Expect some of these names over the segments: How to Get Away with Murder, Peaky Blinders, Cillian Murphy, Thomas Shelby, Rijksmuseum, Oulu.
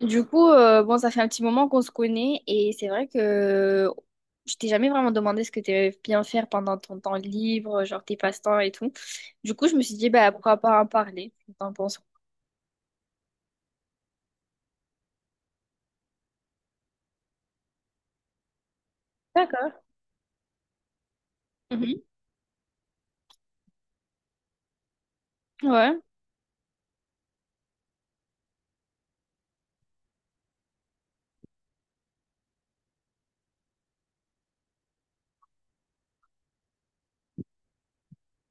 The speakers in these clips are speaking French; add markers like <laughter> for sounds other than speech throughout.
Du coup, bon, ça fait un petit moment qu'on se connaît et c'est vrai que je t'ai jamais vraiment demandé ce que tu aimais bien faire pendant ton temps libre, genre tes passe-temps et tout. Du coup, je me suis dit, bah, pourquoi pas en parler? T'en penses quoi? D'accord. Mhm. Ouais,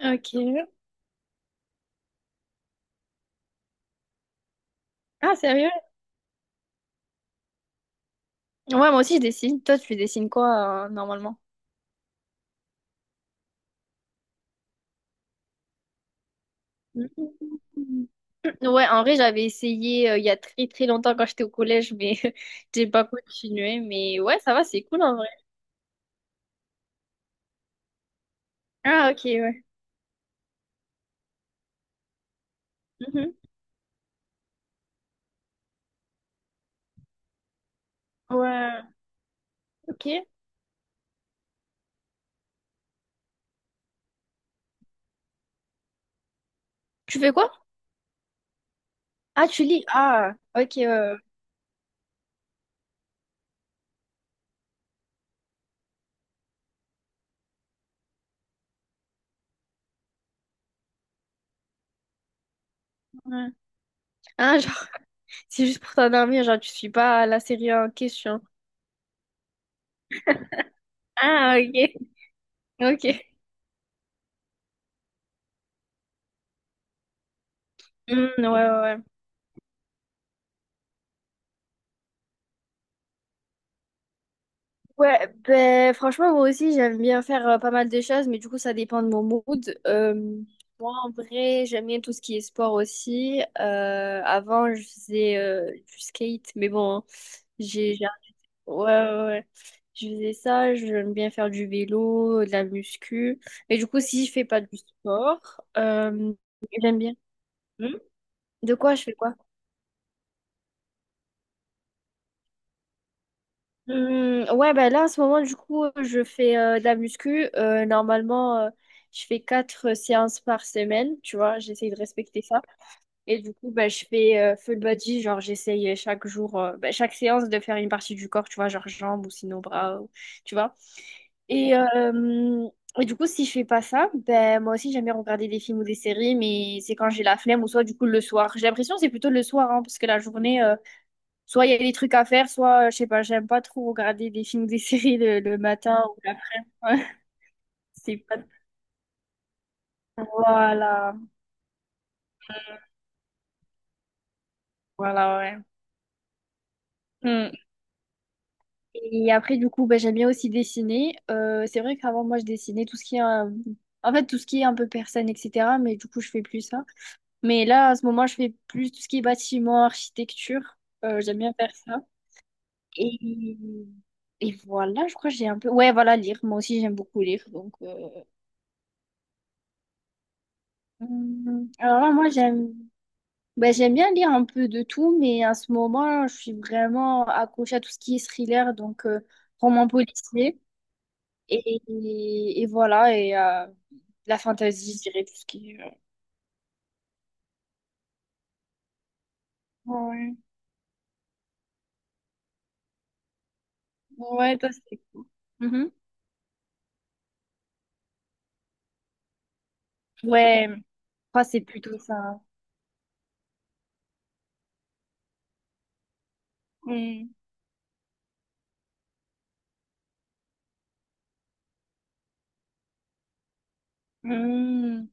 ok. Ah, sérieux? Ouais, moi aussi, je dessine. Toi, tu dessines quoi, normalement? <laughs> Mhm. Ouais, en vrai, j'avais essayé il y a très très longtemps quand j'étais au collège, mais <laughs> j'ai pas continué. Mais ouais, ça va, c'est cool en vrai. Ah, ok, ouais. Mhm. Ouais. Ok. Tu fais quoi? Ah, tu lis? Ah, ok. Ouais. Ah, genre, <laughs> c'est juste pour t'endormir, genre, tu suis pas la série en question. Ah, ok. <laughs> Ok. Hmm, ouais, ouais. Ouais, ben franchement moi aussi j'aime bien faire pas mal de choses, mais du coup ça dépend de mon mood. Moi en vrai j'aime bien tout ce qui est sport aussi. Avant je faisais du skate, mais bon hein, j'ai j'ai- ouais, ouais, ouais. Je faisais ça. J'aime bien faire du vélo, de la muscu. Mais du coup si je fais pas du sport, j'aime bien. Hmm. De quoi je fais quoi? Ouais, ben là, en ce moment, du coup, je fais de la muscu. Normalement, je fais quatre séances par semaine, tu vois, j'essaye de respecter ça. Et du coup, ben je fais full body, genre, j'essaye chaque jour, bah, chaque séance de faire une partie du corps, tu vois, genre jambes ou sinon bras, tu vois. Et et du coup, si je fais pas ça, ben moi aussi, j'aime bien regarder des films ou des séries, mais c'est quand j'ai la flemme ou soit, du coup, le soir. J'ai l'impression que c'est plutôt le soir, hein, parce que la journée. Soit il y a des trucs à faire, soit, je sais pas, j'aime pas trop regarder des films ou des <laughs> séries le matin ou l'après-midi. <laughs> C'est pas. Voilà, voilà, ouais. Mm. Et après, du coup, bah, j'aime bien aussi dessiner. C'est vrai qu'avant, moi, je dessinais tout ce qui est, en fait, tout ce qui est un peu personne, etc. Mais du coup, je fais plus ça. Mais là, à ce moment, je fais plus tout ce qui est bâtiment, architecture. J'aime bien faire ça. Et... Et voilà, je crois que j'ai un peu. Ouais, voilà, lire. Moi aussi, j'aime beaucoup lire. Donc, alors là, moi, j'aime. Ben, j'aime bien lire un peu de tout, mais en ce moment, je suis vraiment accrochée à tout ce qui est thriller, donc roman policier. Et voilà, et la fantasy, je dirais tout ce qui est. Ouais, ouais, toi, c'est cool. Mhm. Ouais, moi, c'est plutôt ça. Mm. Mm.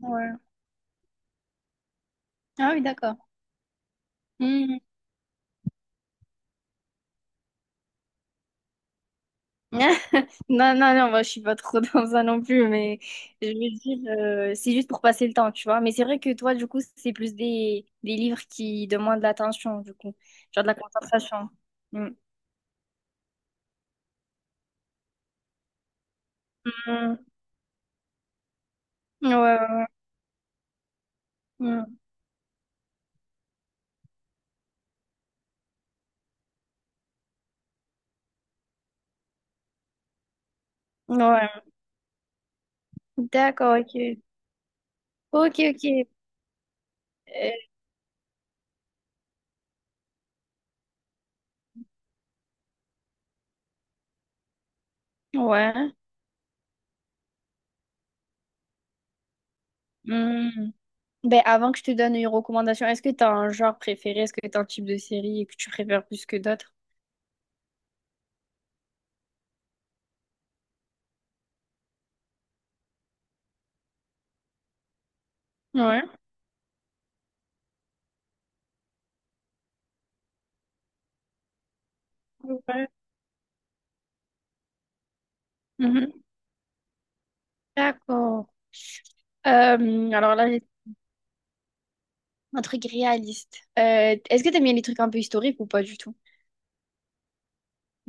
Ouais. Ah oui, d'accord. Mm. <laughs> Non, non, non, moi je suis pas trop <laughs> dans ça non plus, mais je veux dire, c'est juste pour passer le temps, tu vois. Mais c'est vrai que toi, du coup, c'est plus des livres qui demandent de l'attention, du coup, genre de la concentration. Mm. Mm. Ouais, ouais, ouais. Mm. Ouais. D'accord, ok. Ok, ok. Euh, ouais. Mm. Ben, avant que je te donne une recommandation, est-ce que tu as un genre préféré? Est-ce que tu as un type de série que tu préfères plus que d'autres? Ouais. Ouais. Mhm. D'accord. Alors là, un truc réaliste. Est-ce que t'aimes bien les trucs un peu historiques ou pas du tout?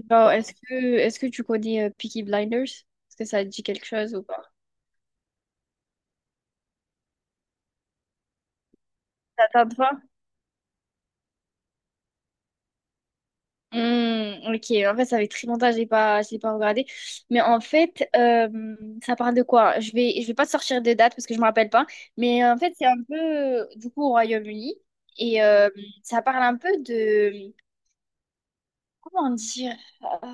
Genre, est-ce que tu connais Peaky Blinders? Est-ce que ça te dit quelque chose ou pas? Ça tente pas? Hmm, ok, en fait, ça fait très longtemps que je l'ai pas regardé. Mais en fait, ça parle de quoi? Je vais pas te sortir de date parce que je me rappelle pas. Mais en fait, c'est un peu, du coup, au Royaume-Uni. Et ça parle un peu de. Comment dire? euh,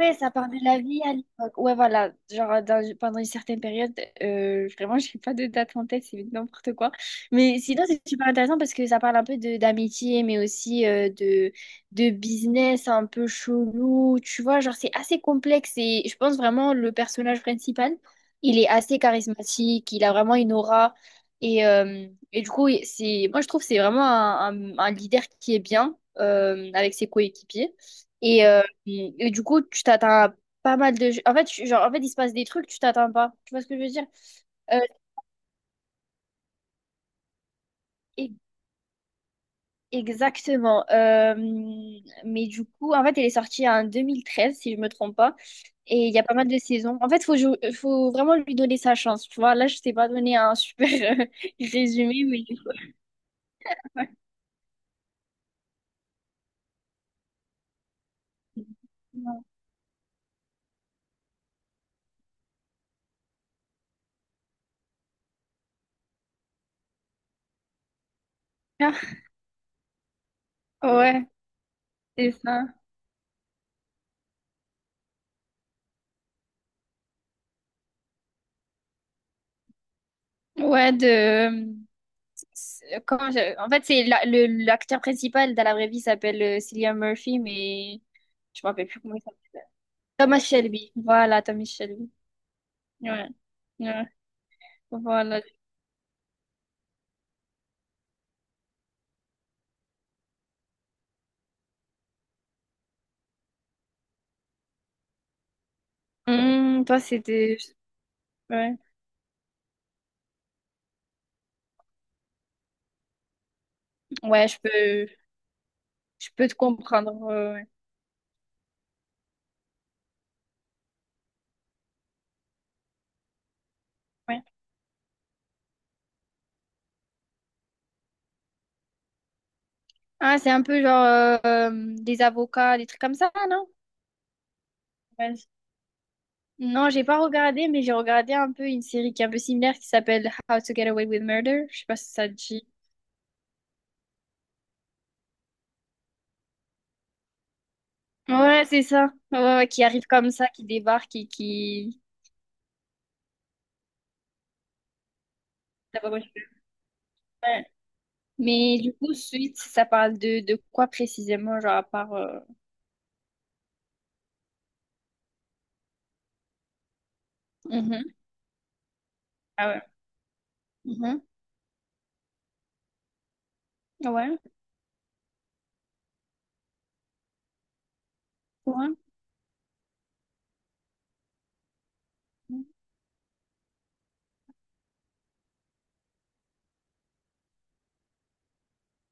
Ouais, ça parle de la vie à l'époque. Ouais, voilà. Genre, pendant une certaine période, vraiment, <laughs> j'ai pas de date en tête, c'est n'importe quoi. Mais sinon, c'est super intéressant parce que ça parle un peu de d'amitié, mais aussi de business un peu chelou. Tu vois, genre, c'est assez complexe et je pense vraiment le personnage principal, il est assez charismatique, il a vraiment une aura. Et, euh, et du coup, moi, je trouve que c'est vraiment un leader qui est bien avec ses coéquipiers. Et, euh, et du coup, tu t'attends à pas mal de. En fait, genre, en fait, il se passe des trucs, tu t'attends pas. Tu vois ce que je veux dire? Euh, e- exactement. Mais du coup, en fait, elle est sortie en 2013, si je me trompe pas. Et il y a pas mal de saisons. En fait, faut vraiment lui donner sa chance. Tu vois, là, je t'ai pas donné un super euh, <laughs> résumé, mais du coup, <laughs> ouais, ah, ouais, c'est ça. Ouais, de. En fait, c'est l'acteur principal dans la vraie vie s'appelle Cillian Murphy, mais je me rappelle plus comment il s'appelle. Thomas Shelby. Voilà, Thomas Shelby. Ouais. Ouais. Voilà. Toi, c'était. Ouais. Ouais, je peux te comprendre. Ouais. Ouais. Ah, c'est un peu genre des avocats, des trucs comme ça, non? Ouais. Non, j'ai pas regardé, mais j'ai regardé un peu une série qui est un peu similaire qui s'appelle How to Get Away with Murder. Je sais pas si ça te dit. Ouais, c'est ça. Ouais, ouais, ouais, qui arrive comme ça, qui débarque et qui. Ça va, ouais. Ouais. Mais du coup, suite, ça parle de quoi précisément, genre à part. Mhm. Ah ouais. Mhm. Ouais, ouais,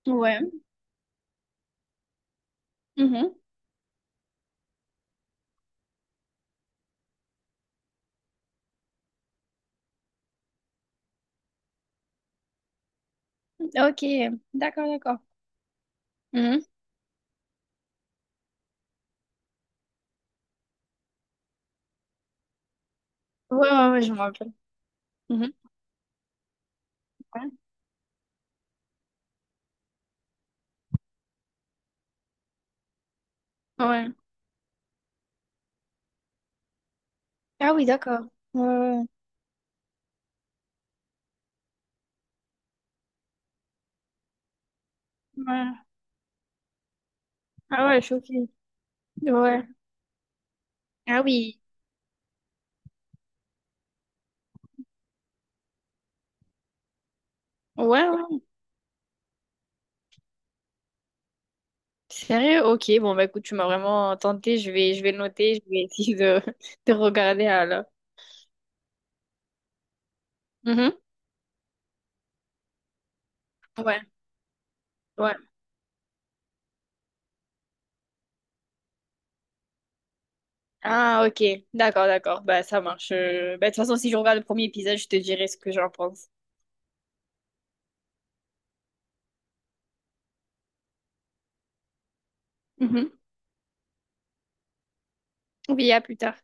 ouais. Mhm. Ok, d'accord, d'accord. Mhm. Ouais, ouais, ouais, je me rappelle. Mhm. Ouais. Ouais. Ah oui, d'accord. Ouais, ouais. Ouais. Ah ouais, choquée. Ouais. Ah oui. Ouais, ouais. Sérieux? Ok, bon bah écoute, tu m'as vraiment tenté, je vais le noter, je vais essayer de, <laughs> de regarder alors. Mhm. Ouais, ouais. Ah ok, d'accord, d'accord, bah ça marche. Bah, de toute façon, si je regarde le premier épisode, je te dirai ce que j'en pense. Mhm. Oui, à plus tard.